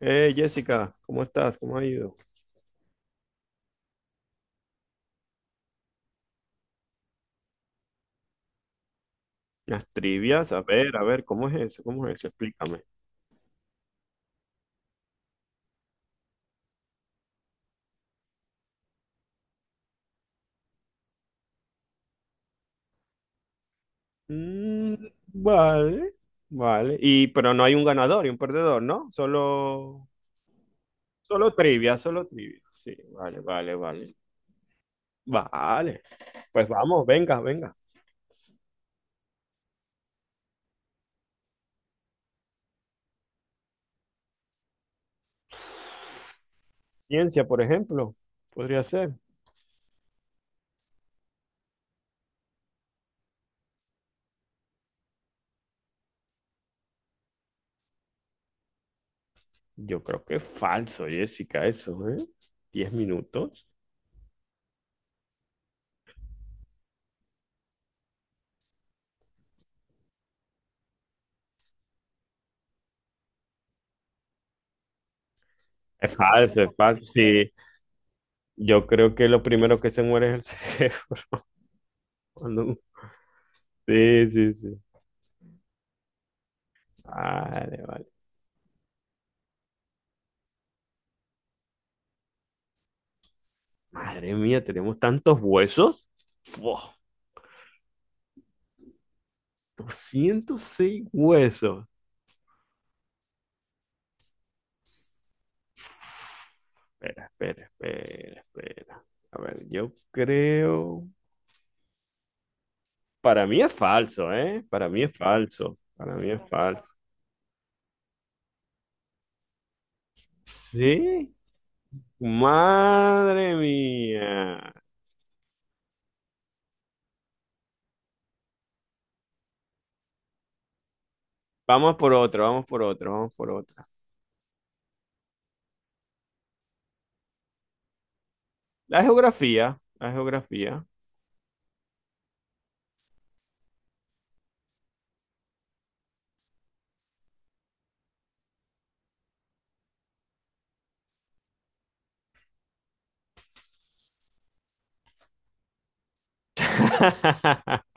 Jessica, ¿cómo estás? ¿Cómo ha ido? Las trivias, a ver, ¿cómo es eso? ¿Cómo es eso? Explícame. Mm, vale, vale. Y pero no hay un ganador y un perdedor, ¿no? Solo trivias, solo trivias. Sí, vale, vale, vale. Vale. Pues vamos, venga, venga. Ciencia, por ejemplo, podría ser. Yo creo que es falso, Jessica, eso, ¿eh? 10 minutos. Es falso, es falso. Sí, yo creo que lo primero que se muere es el cerebro. cuando- Sí, sí, sí. Vale, vale. Madre mía, tenemos tantos huesos. Fu, 206 huesos. Espera, espera, espera, espera. A ver, yo creo. Para mí es falso, ¿eh? Para mí es falso. Para mí es falso. ¿Sí? Madre mía. Vamos por otro, vamos por otro, vamos por otra. La geografía, la geografía.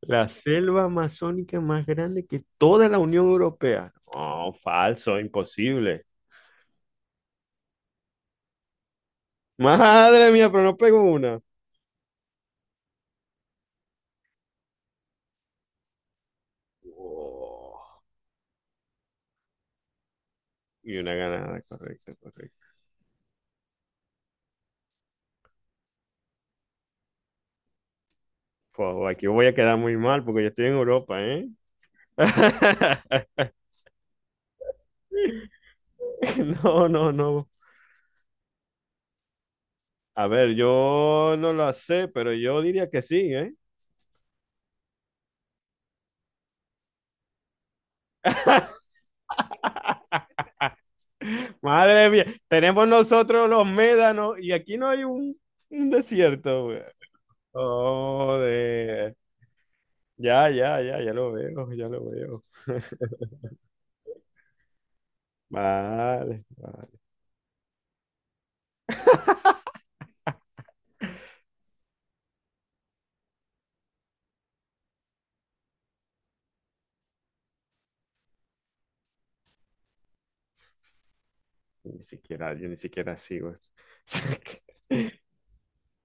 La selva amazónica más grande que toda la Unión Europea. No, falso, imposible. Madre mía, pero no pego una. Oh, y una ganada, correcto, correcto. Fua, aquí voy a quedar muy mal porque yo estoy en Europa, ¿eh? No, no, no. A ver, yo no lo sé, pero yo diría que sí, ¿eh? Madre mía, tenemos nosotros los médanos y aquí no hay un desierto. Joder. Ya, ya, ya, ya lo veo, ya lo veo. Vale, vale. Ni siquiera, yo ni siquiera sigo.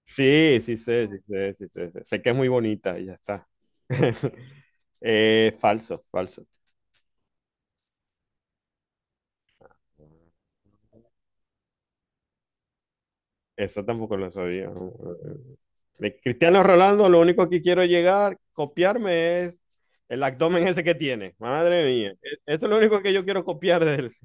Sí, sí sé, sí sé, sí sé. Sí, sé que es muy bonita y ya está. Falso, falso. Eso tampoco lo sabía. De Cristiano Ronaldo, lo único que quiero llegar, copiarme es el abdomen ese que tiene. Madre mía. Eso es lo único que yo quiero copiar de él.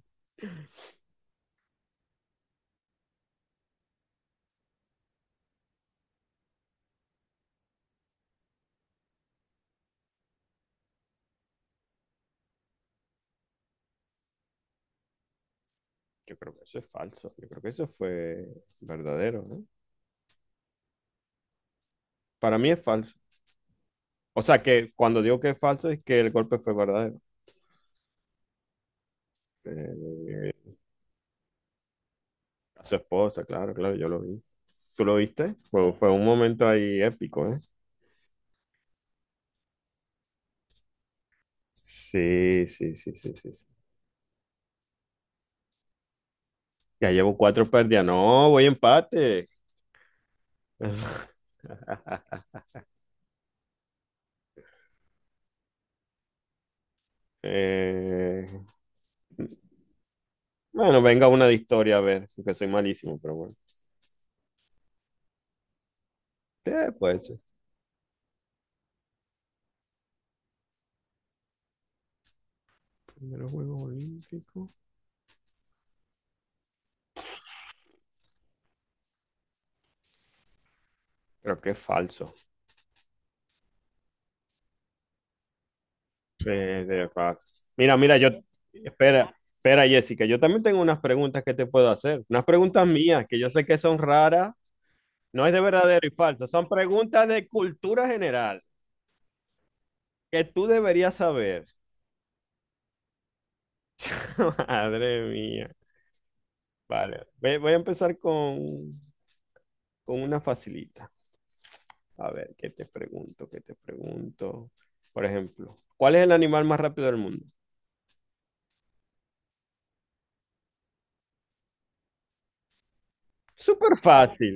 Yo creo que eso es falso. Yo creo que eso fue verdadero, ¿no? Para mí es falso. O sea, que cuando digo que es falso es que el golpe fue verdadero. Eh, a su esposa, claro, claro, yo lo vi. ¿Tú lo viste? Fue un momento ahí épico, ¿eh? Sí, sí, sí, sí, sí, sí. Ya llevo cuatro pérdidas. No, voy empate. Eh, bueno, venga una de historia, a ver, que soy malísimo, pero bueno. ¿Qué puede ser? Primero juego olímpico. Creo que es falso. Sí, de fácil. Mira, mira, yo, espera, espera, Jessica, yo también tengo unas preguntas que te puedo hacer, unas preguntas mías que yo sé que son raras, no es de verdadero y falso, son preguntas de cultura general que tú deberías saber. Madre mía. Vale, voy a empezar con una facilita. A ver, ¿qué te pregunto? ¿Qué te pregunto? Por ejemplo, ¿cuál es el animal más rápido del mundo? Súper fácil.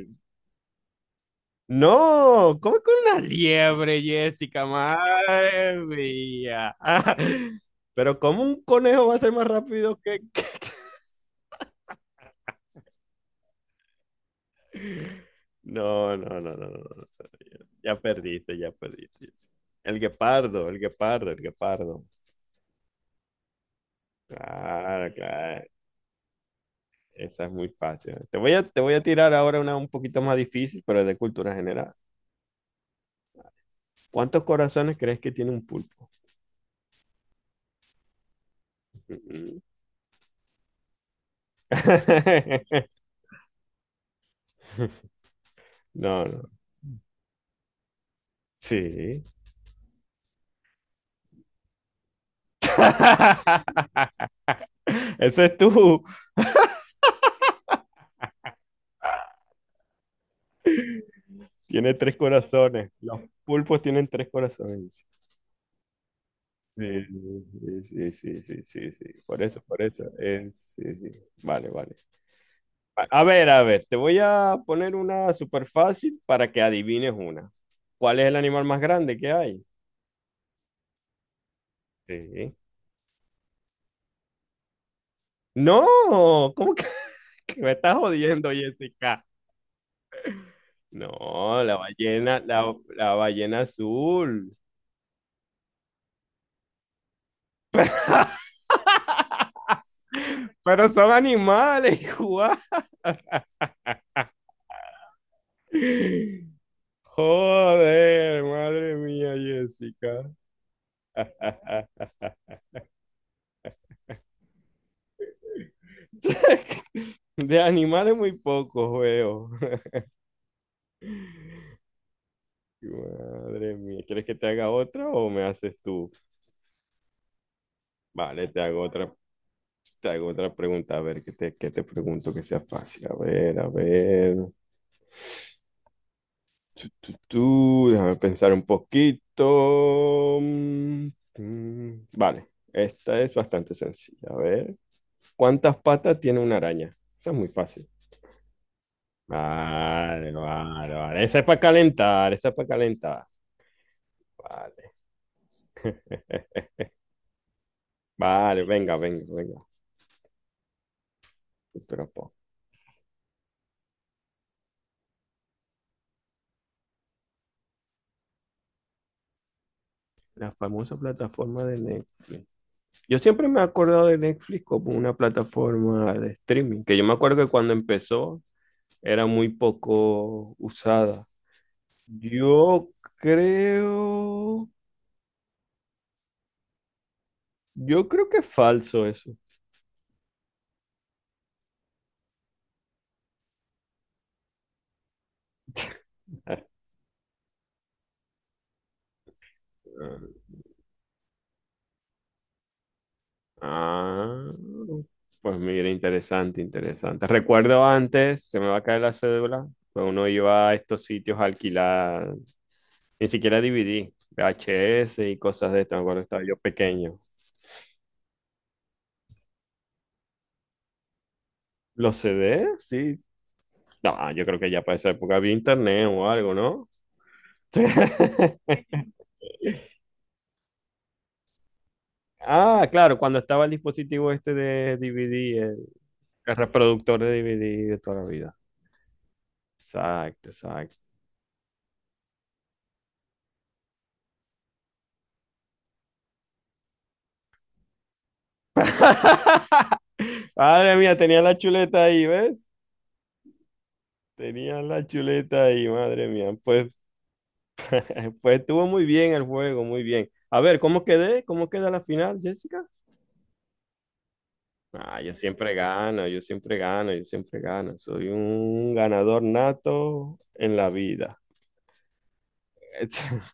No, ¿cómo con una liebre, Jessica? Madre mía. Pero ¿cómo un conejo va a ser más rápido que. No, no, no, no, no. No. Ya perdiste, ya perdiste. Jessica. El guepardo, el guepardo, el guepardo. Claro, claro. Esa es muy fácil. Te voy a tirar ahora una un poquito más difícil, pero es de cultura general. ¿Cuántos corazones crees que tiene un pulpo? Mm, mm. No, no. Sí. Eso es tú. Tiene tres corazones. Los pulpos tienen tres corazones. Sí, sí, sí, sí, sí, sí, sí. Por eso, por eso. Sí, sí. Vale, vale. A ver, te voy a poner una súper fácil para que adivines una. ¿Cuál es el animal más grande que hay? Sí. No, ¿cómo que que me estás jodiendo, Jessica? No, la ballena, la ballena azul. Pero son animales, igual. Joder, madre mía, Jessica. De animales muy pocos veo. Madre mía, ¿quieres que te haga otra o me haces tú? Vale, te hago otra pregunta, a ver, que te pregunto que sea fácil. A ver, a ver. Tú, déjame pensar un poquito. Mm, mm, vale, esta es bastante sencilla. A ver, ¿cuántas patas tiene una araña? Esa es muy fácil. Vale, vale, vale. Esa es para calentar, esa es para calentar. Vale. Vale, venga, venga, venga. Pero po- La famosa plataforma de Netflix. Yo siempre me he acordado de Netflix como una plataforma de streaming, que yo me acuerdo que cuando empezó era muy poco usada. Yo creo, yo creo que es falso eso. Ah, pues mira, interesante, interesante. Recuerdo antes, se me va a caer la cédula, pues uno iba a estos sitios a alquilar, ni siquiera DVD, VHS y cosas de estas, me acuerdo que estaba yo pequeño. ¿Los CD? Sí. No, yo creo que ya para esa época había internet o algo, ¿no? Sí. Ah, claro, cuando estaba el dispositivo este de DVD, el reproductor de DVD de toda la vida. Exacto, exacto. Madre mía, tenía la chuleta ahí, ¿ves? Tenía la chuleta ahí, madre mía. Pues, pues estuvo muy bien el juego, muy bien. A ver, ¿cómo quedé? ¿Cómo queda la final, Jessica? Ah, yo siempre gano, yo siempre gano, yo siempre gano. Soy un ganador nato en la vida.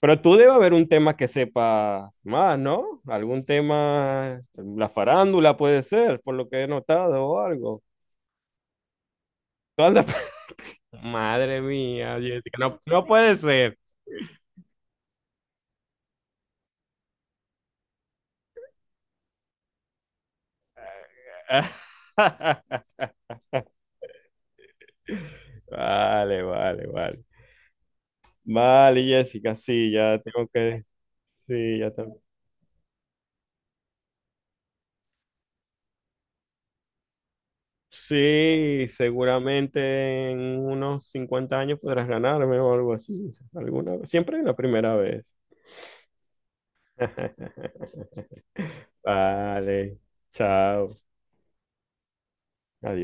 Pero tú debe haber un tema que sepas más, ¿no? Algún tema, la farándula puede ser, por lo que he notado o algo. Tú andas. Madre mía, Jessica, no, no puede ser. Vale, vale, vale. Vale, Jessica, sí, ya tengo que, sí, ya tengo. Sí, seguramente en unos 50 años podrás ganarme o algo así. Alguna, siempre la primera vez. Vale, chao, adiós.